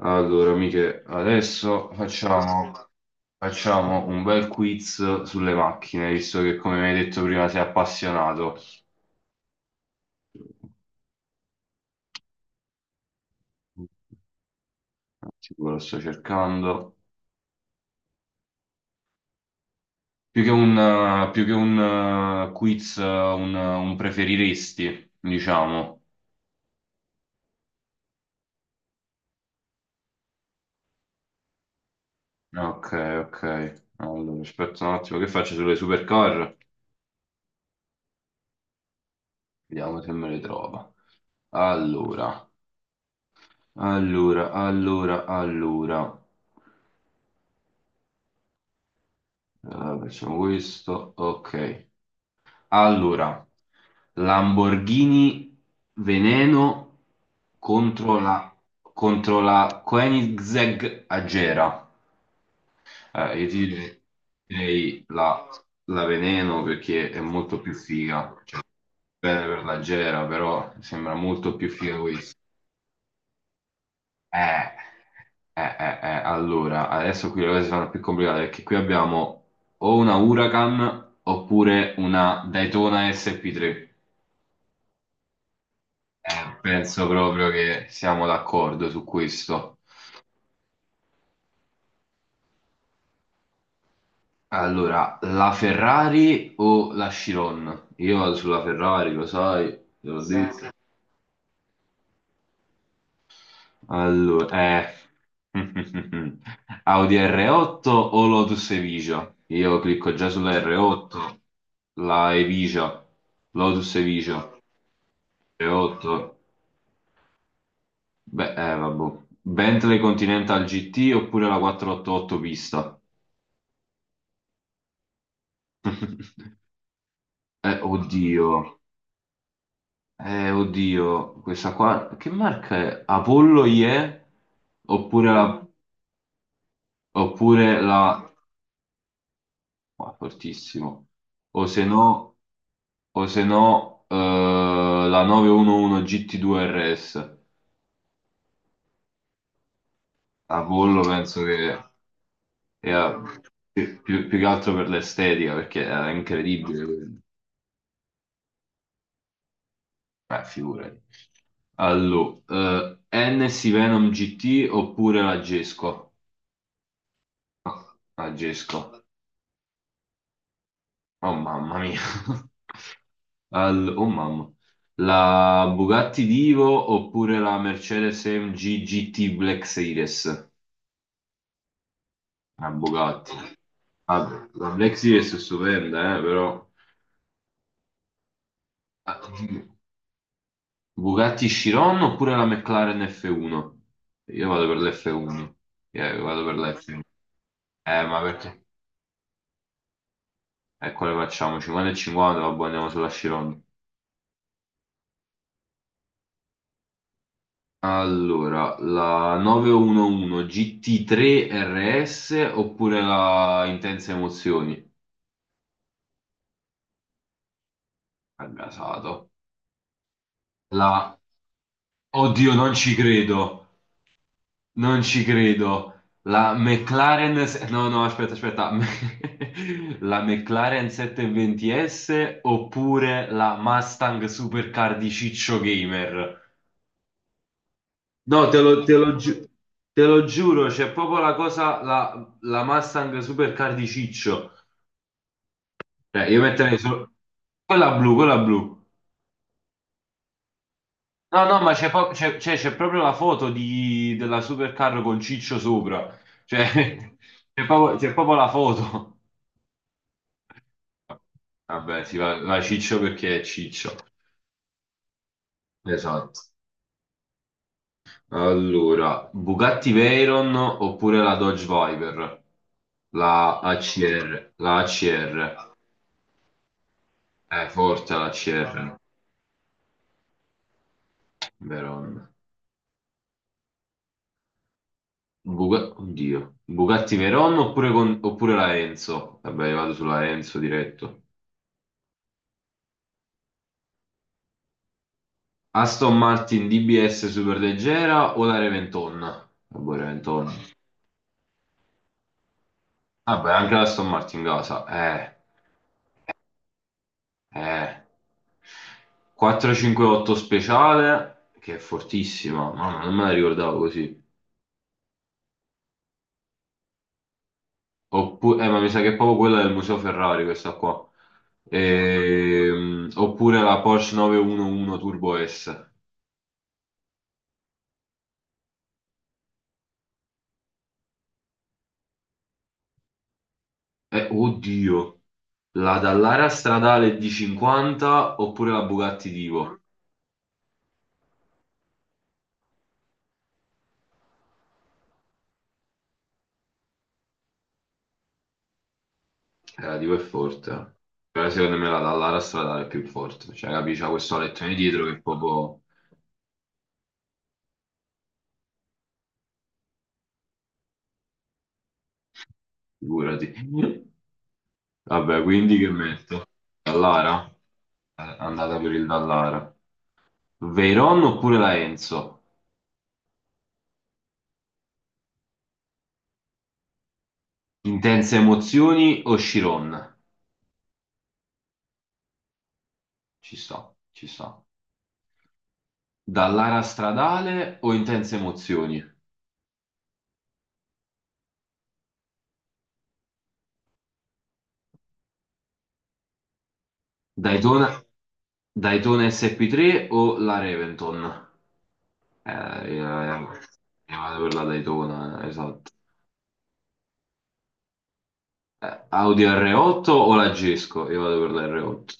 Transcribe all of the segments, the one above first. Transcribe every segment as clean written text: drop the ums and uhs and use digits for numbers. Allora, amiche, adesso facciamo un bel quiz sulle macchine, visto che come mi hai detto prima sei appassionato. Sicuro lo sto cercando. Più che un quiz, un preferiresti, diciamo. Ok, ok. Allora, aspetta un attimo, che faccio sulle supercar? Vediamo se me le trova. Allora, allora, allora, allora. Eh, facciamo questo. Ok. Allora, Lamborghini Veneno contro la, contro la Koenigsegg Agera. Io ti direi la Veneno perché è molto più figa. Cioè, bene per l'Agera, però sembra molto più figa questa. Eh, allora, adesso qui le cose sono più complicate perché qui abbiamo o una Huracan oppure una Daytona SP3. Penso proprio che siamo d'accordo su questo. Allora, la Ferrari o la Chiron? Io vado sulla Ferrari, lo sai, te l'ho detto. Allora. Audi R8 o Lotus Evija? Io clicco già sulla R8, la Evija, Lotus Evija, R8. Beh, vabbè. Bentley Continental GT oppure la 488 pista? Oddio. Oddio, questa qua, che marca è? Apollo IE? Oppure la... Oppure la... Qua, fortissimo. O se no, o se no La 911 GT2 RS. Apollo penso che sia più che altro per l'estetica, perché era incredibile quello. Figurati. Allora, NS Venom GT oppure la Gesco? Ah, la Gesco. Oh, mamma mia. Oh mamma, la Bugatti Divo oppure la Mercedes AMG GT Black Series? La Bugatti. Ah, la Black Series è stupenda, però. Ah, Bugatti Chiron oppure la McLaren F1? Io vado per l'F1. Io vado per l'F1. Ma perché? E quale facciamo? 50 e 50, vabbè, andiamo sulla Chiron. Allora, la 911 GT3 RS oppure la Intense Emozioni? Al gasato. La... Oddio, non ci credo. Non ci credo. La McLaren... se- No, no, aspetta, aspetta. La McLaren 720S oppure la Mustang Supercar di Ciccio Gamer? No, te lo giuro, c'è proprio la cosa, la Mustang Supercar di Ciccio. Cioè, io metterei solo. Quella blu, quella blu. No, no, ma c'è po- c'è- c'è- c'è proprio la foto della supercar con Ciccio sopra. Cioè, c'è proprio la foto. Vabbè, va Ciccio perché è Ciccio. Esatto. Allora, Bugatti Veyron oppure la Dodge Viper? La ACR. La ACR. È forte la ACR. Veron. Oddio. Bugatti Veyron oppure la Enzo? Vabbè, io vado sulla Enzo diretto. Aston Martin DBS superleggera o la Reventon? Vabbè, Reventon. Vabbè, anche la Aston Martin casa. Eh. 458 speciale, che è fortissima. Mamma, non me la ricordavo così. Oppure, ma mi sa che è proprio quella del Museo Ferrari, questa qua. Oppure la Porsche 911 Turbo S. Oddio. La Dallara stradale D50 oppure la Bugatti Divo? Relativo e forte. Però secondo me la Dallara stradale è più forte. Cioè, capisci, c'ha questo alettone dietro che è proprio. Figurati. Vabbè, quindi che metto? Dallara? Andata per il Dallara. Veyron oppure la Enzo? Intense emozioni o Chiron? Ci sta, ci sta. Dallara stradale o intense emozioni? Daytona, Daytona SP3 o la Reventon? Eh, io, io- io vado per la Daytona, esatto. Audi R8 o la Gesco? Io vado per la R8.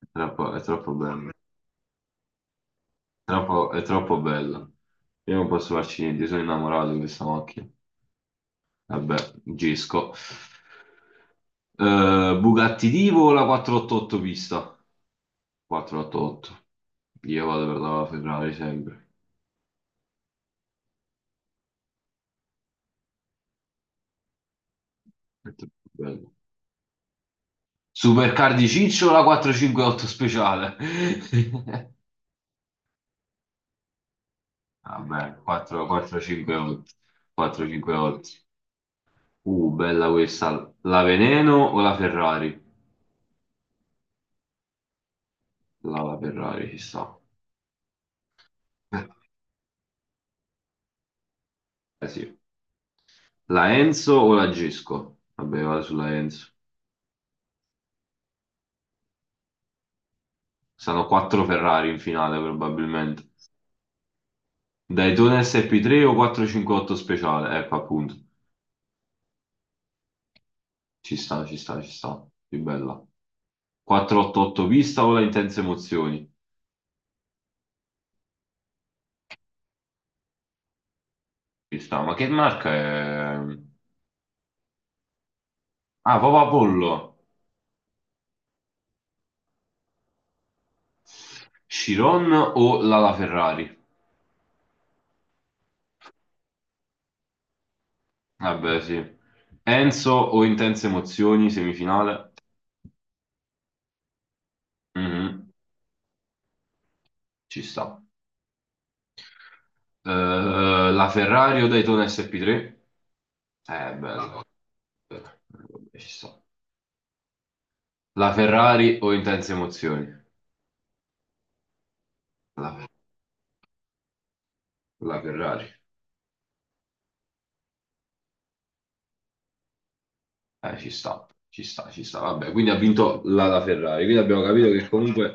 È troppo bello. È troppo bello. Io non posso farci niente, sono innamorato di questa macchina. Vabbè, Gesco. Bugatti Divo o la 488 pista? 488. Io vado per la Ferrari sempre. È troppo bello. Supercar di Ciccio o la 458 speciale? Vabbè, 458. 458. Bella questa. La Veneno o la Ferrari? La Ferrari, ci sta. Eh sì. La Enzo o la Gisco? Vabbè, vado sulla Enzo. Saranno quattro Ferrari in finale probabilmente. Daytona SP3 o 458 speciale? Ecco, appunto. Ci sta, ci sta, ci sta. Più bella. 488 pista o la Intense Emozioni? Ci sta. Ma che marca è? Ah, Papa Pollo. Chiron o la Ferrari? Vabbè, sì. Enzo o intense emozioni, semifinale. Mhm. Ci sta. Eh, la Ferrari o Daytona SP3? Bella. Bella. Vabbè, ci sta. La Ferrari o intense emozioni? La, la Ferrari. Ci sta, ci sta, ci sta. Vabbè, quindi ha vinto la Ferrari.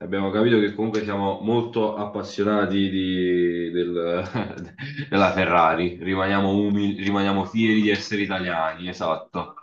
Abbiamo capito che comunque siamo molto appassionati della Ferrari, rimaniamo umili, rimaniamo fieri di essere italiani, esatto.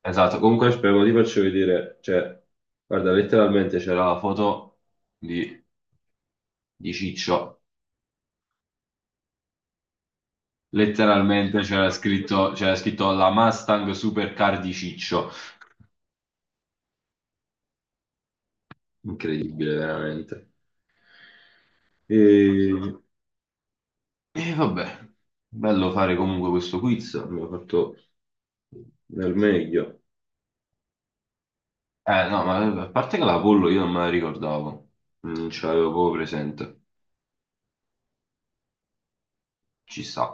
Esatto, comunque spero ti faccio vedere, cioè, guarda, letteralmente c'era la foto di, di Ciccio, letteralmente c'era scritto la Mustang Supercar di Ciccio, incredibile veramente. E... E vabbè, bello fare comunque questo quiz, abbiamo fatto del meglio. Eh no, ma a parte che la pollo io non me la ricordavo, non ce l'avevo proprio presente. Ci sta.